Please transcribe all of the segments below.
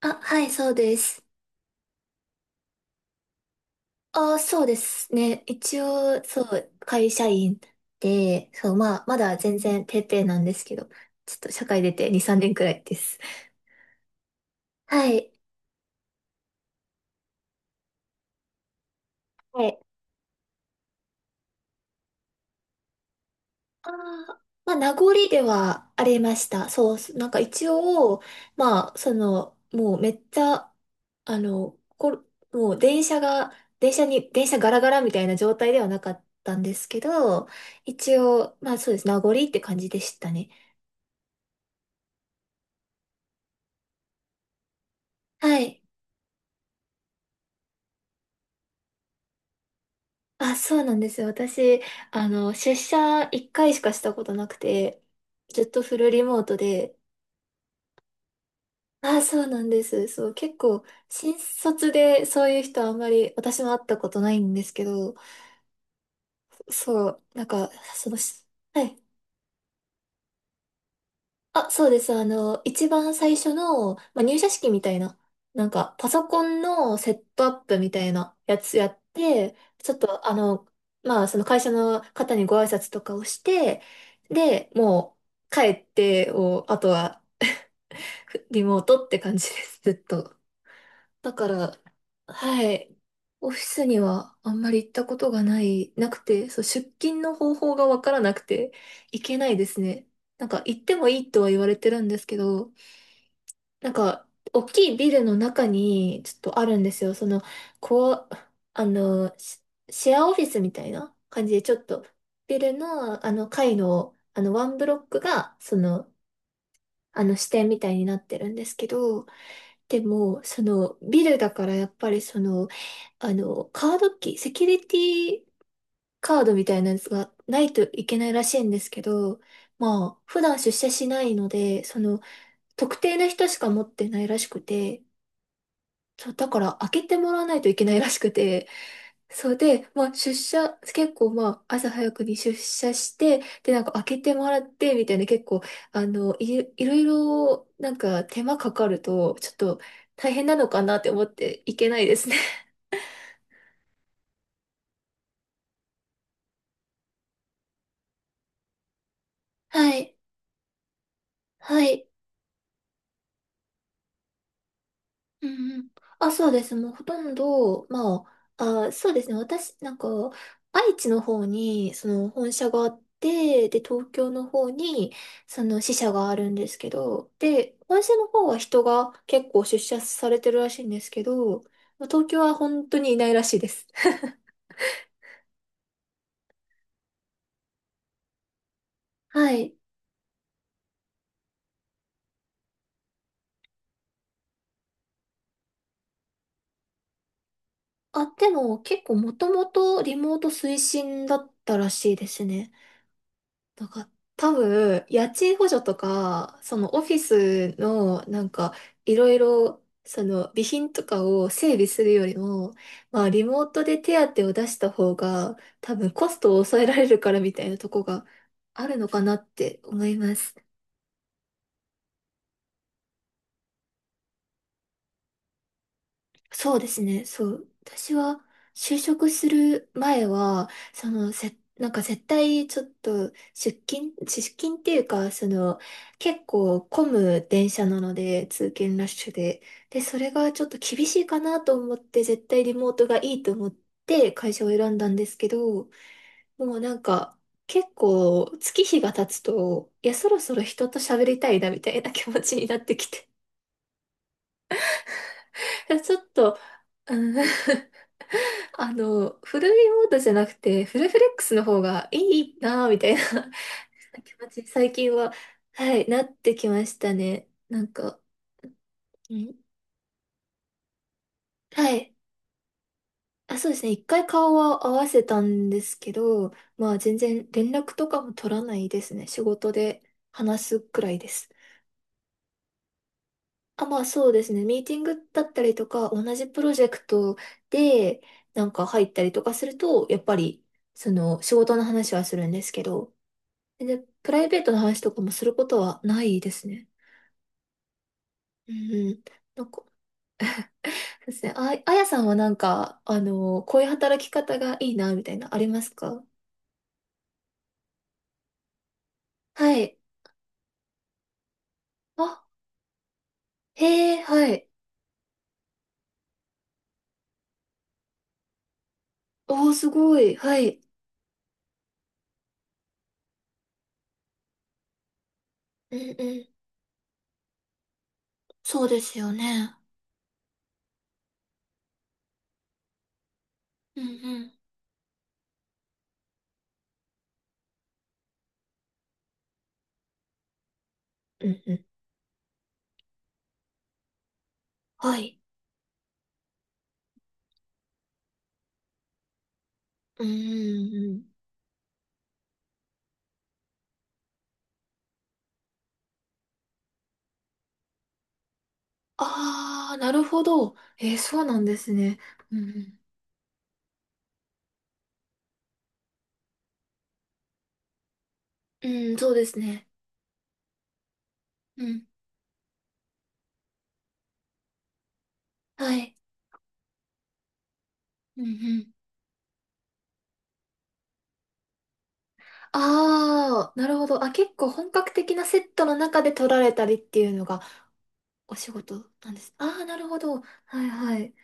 あ、はい、そうです。あ、そうですね。一応、そう、会社員で、そう、まあ、まだ全然ペーペーなんですけど、ちょっと社会出て2、3年くらいです。はい。はい。あー、まあ、名残ではありました。そう、なんか一応、まあ、その、もうめっちゃ、あの、こもう電車が、電車に、電車ガラガラみたいな状態ではなかったんですけど、一応、まあそうです。名残って感じでしたね。はい。あ、そうなんですよ。私、出社一回しかしたことなくて、ずっとフルリモートで、あ、そうなんです。そう、結構、新卒でそういう人あんまり私も会ったことないんですけど、そう、なんか、その、しはい。あ、そうです。一番最初の、まあ、入社式みたいな、なんか、パソコンのセットアップみたいなやつやって、ちょっと、まあ、その会社の方にご挨拶とかをして、で、もう、帰ってを、あとは、リモートって感じです、ずっと。だから、はい。オフィスにはあんまり行ったことがない、なくて、そう、出勤の方法がわからなくて、行けないですね。なんか、行ってもいいとは言われてるんですけど、なんか、大きいビルの中に、ちょっとあるんですよ。その、こう、あの、シシェアオフィスみたいな感じで、ちょっと、ビルの、あの、階の、あの、ワンブロックが、その、あの、支店みたいになってるんですけど、でも、その、ビルだから、やっぱり、その、あの、カードキー、セキュリティカードみたいなやつがないといけないらしいんですけど、まあ、普段出社しないので、その、特定の人しか持ってないらしくて、そう、だから開けてもらわないといけないらしくて、そうで、まあ出社、結構まあ朝早くに出社して、でなんか開けてもらってみたいな結構、あの、いろいろなんか手間かかると、ちょっと大変なのかなって思っていけないですね。はい。はい。うんうん。あ、そうです。もうほとんど、まあ、あ、そうですね。私、なんか、愛知の方に、その本社があって、で、東京の方に、その支社があるんですけど、で、本社の方は人が結構出社されてるらしいんですけど、まあ東京は本当にいないらしいです。はい。あ、でも結構もともとリモート推進だったらしいですね。なんか多分、家賃補助とか、そのオフィスのなんかいろいろその備品とかを整備するよりも、まあリモートで手当を出した方が多分コストを抑えられるからみたいなとこがあるのかなって思います。そうですね。そう。私は、就職する前は、なんか絶対ちょっと出勤っていうか、その、結構混む電車なので、通勤ラッシュで。で、それがちょっと厳しいかなと思って、絶対リモートがいいと思って会社を選んだんですけど、もうなんか、結構月日が経つと、いや、そろそろ人と喋りたいなみたいな気持ちになってきて、ちょっと、うんフルリモートじゃなくて、フルフレックスの方がいいなぁ、みたいな 気持ちに最近は、はい、なってきましたね。なんか、んはい。あ、そうですね。一回顔は合わせたんですけど、まあ全然連絡とかも取らないですね。仕事で話すくらいです。あ、まあそうですね。ミーティングだったりとか、同じプロジェクトでなんか入ったりとかすると、やっぱり、その仕事の話はするんですけど、で、プライベートの話とかもすることはないですね。うんうん。なんか、そうですね。あ、あやさんはなんか、あの、こういう働き方がいいな、みたいな、ありますか？はい。あ、へえ、はい。おー、すごい。はい。うんうん。そうですよね。うんうん。うんうん。はい。うんうんうん。あー、なるほど。えー、そうなんですね。うんうん。うん、そうですね。うん。はい。うんうん。ああ、なるほど。あ、結構本格的なセットの中で撮られたりっていうのがお仕事なんです。ああ、なるほど。はいはい。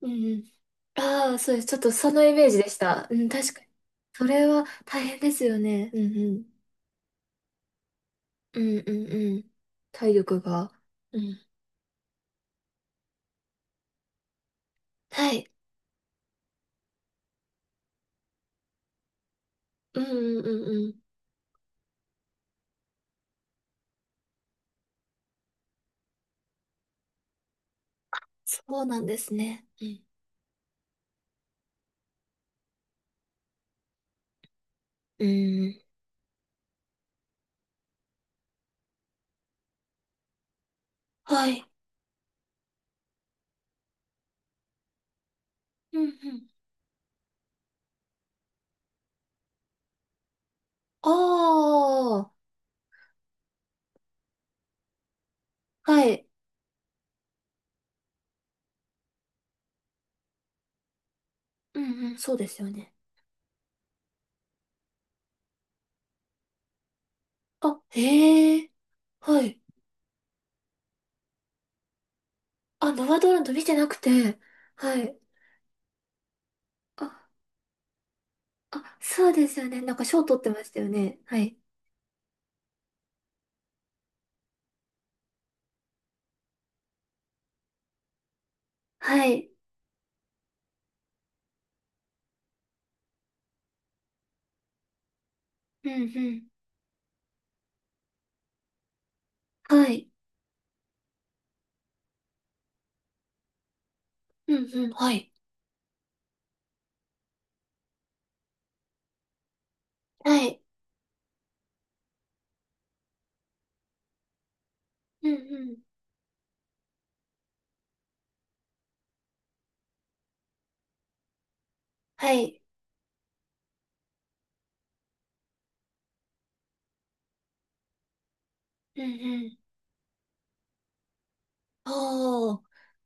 うんうん。ああ、そうです。ちょっとそのイメージでした。うん、確かに。それは大変ですよね。うんうん。うんうんうん。体力が。うん。はい。うんうんうんうん。そうなんですね。うん。うんはい。うんうん。ああ、はい。うんうん、そうですよね。あ、へえ。はい。あ、ノア・ドーランド見てなくて、はい。あ、あ、そうですよね。なんか賞取ってましたよね。はい。はい。うんうん。はい。うんうん。はい。はい。うんうん。はい。うんうん。おー、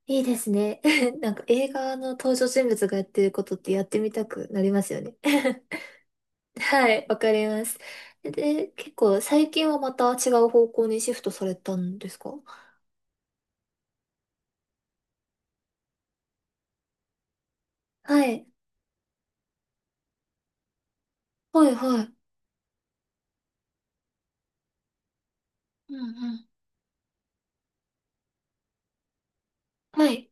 いいですね。なんか映画の登場人物がやってることってやってみたくなりますよね。はい、わかります。で、結構最近はまた違う方向にシフトされたんですか？はい。はい、はい。うんうん。はい。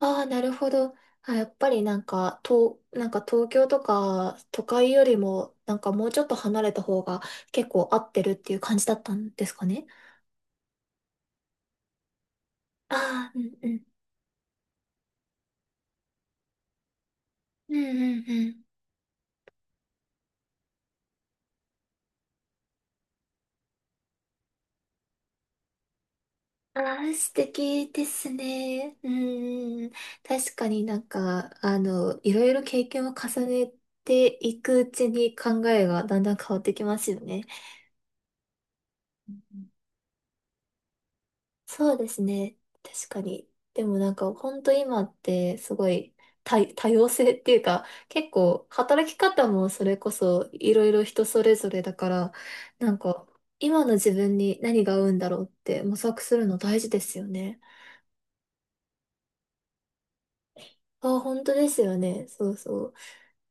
ああ、なるほど。あ、やっぱりなんか、なんか東京とか都会よりも、なんかもうちょっと離れた方が結構合ってるっていう感じだったんですかね。ああ、うんうん。うんうんうん。ああ、素敵ですね。うんうんうん。確かになんか、あの、いろいろ経験を重ねていくうちに考えがだんだん変わってきますよね。そうですね。確かに。でもなんか本当今ってすごい多様性っていうか結構働き方もそれこそいろいろ人それぞれだからなんか今の自分に何が合うんだろうって模索するの大事ですよね。あ本当ですよね。そうそう。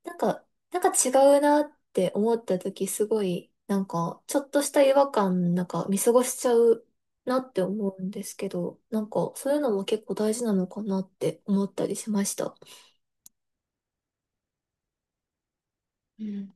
なんか、違うなって思った時すごい、なんか、ちょっとした違和感、なんか見過ごしちゃうなって思うんですけど、なんか、そういうのも結構大事なのかなって思ったりしました。うん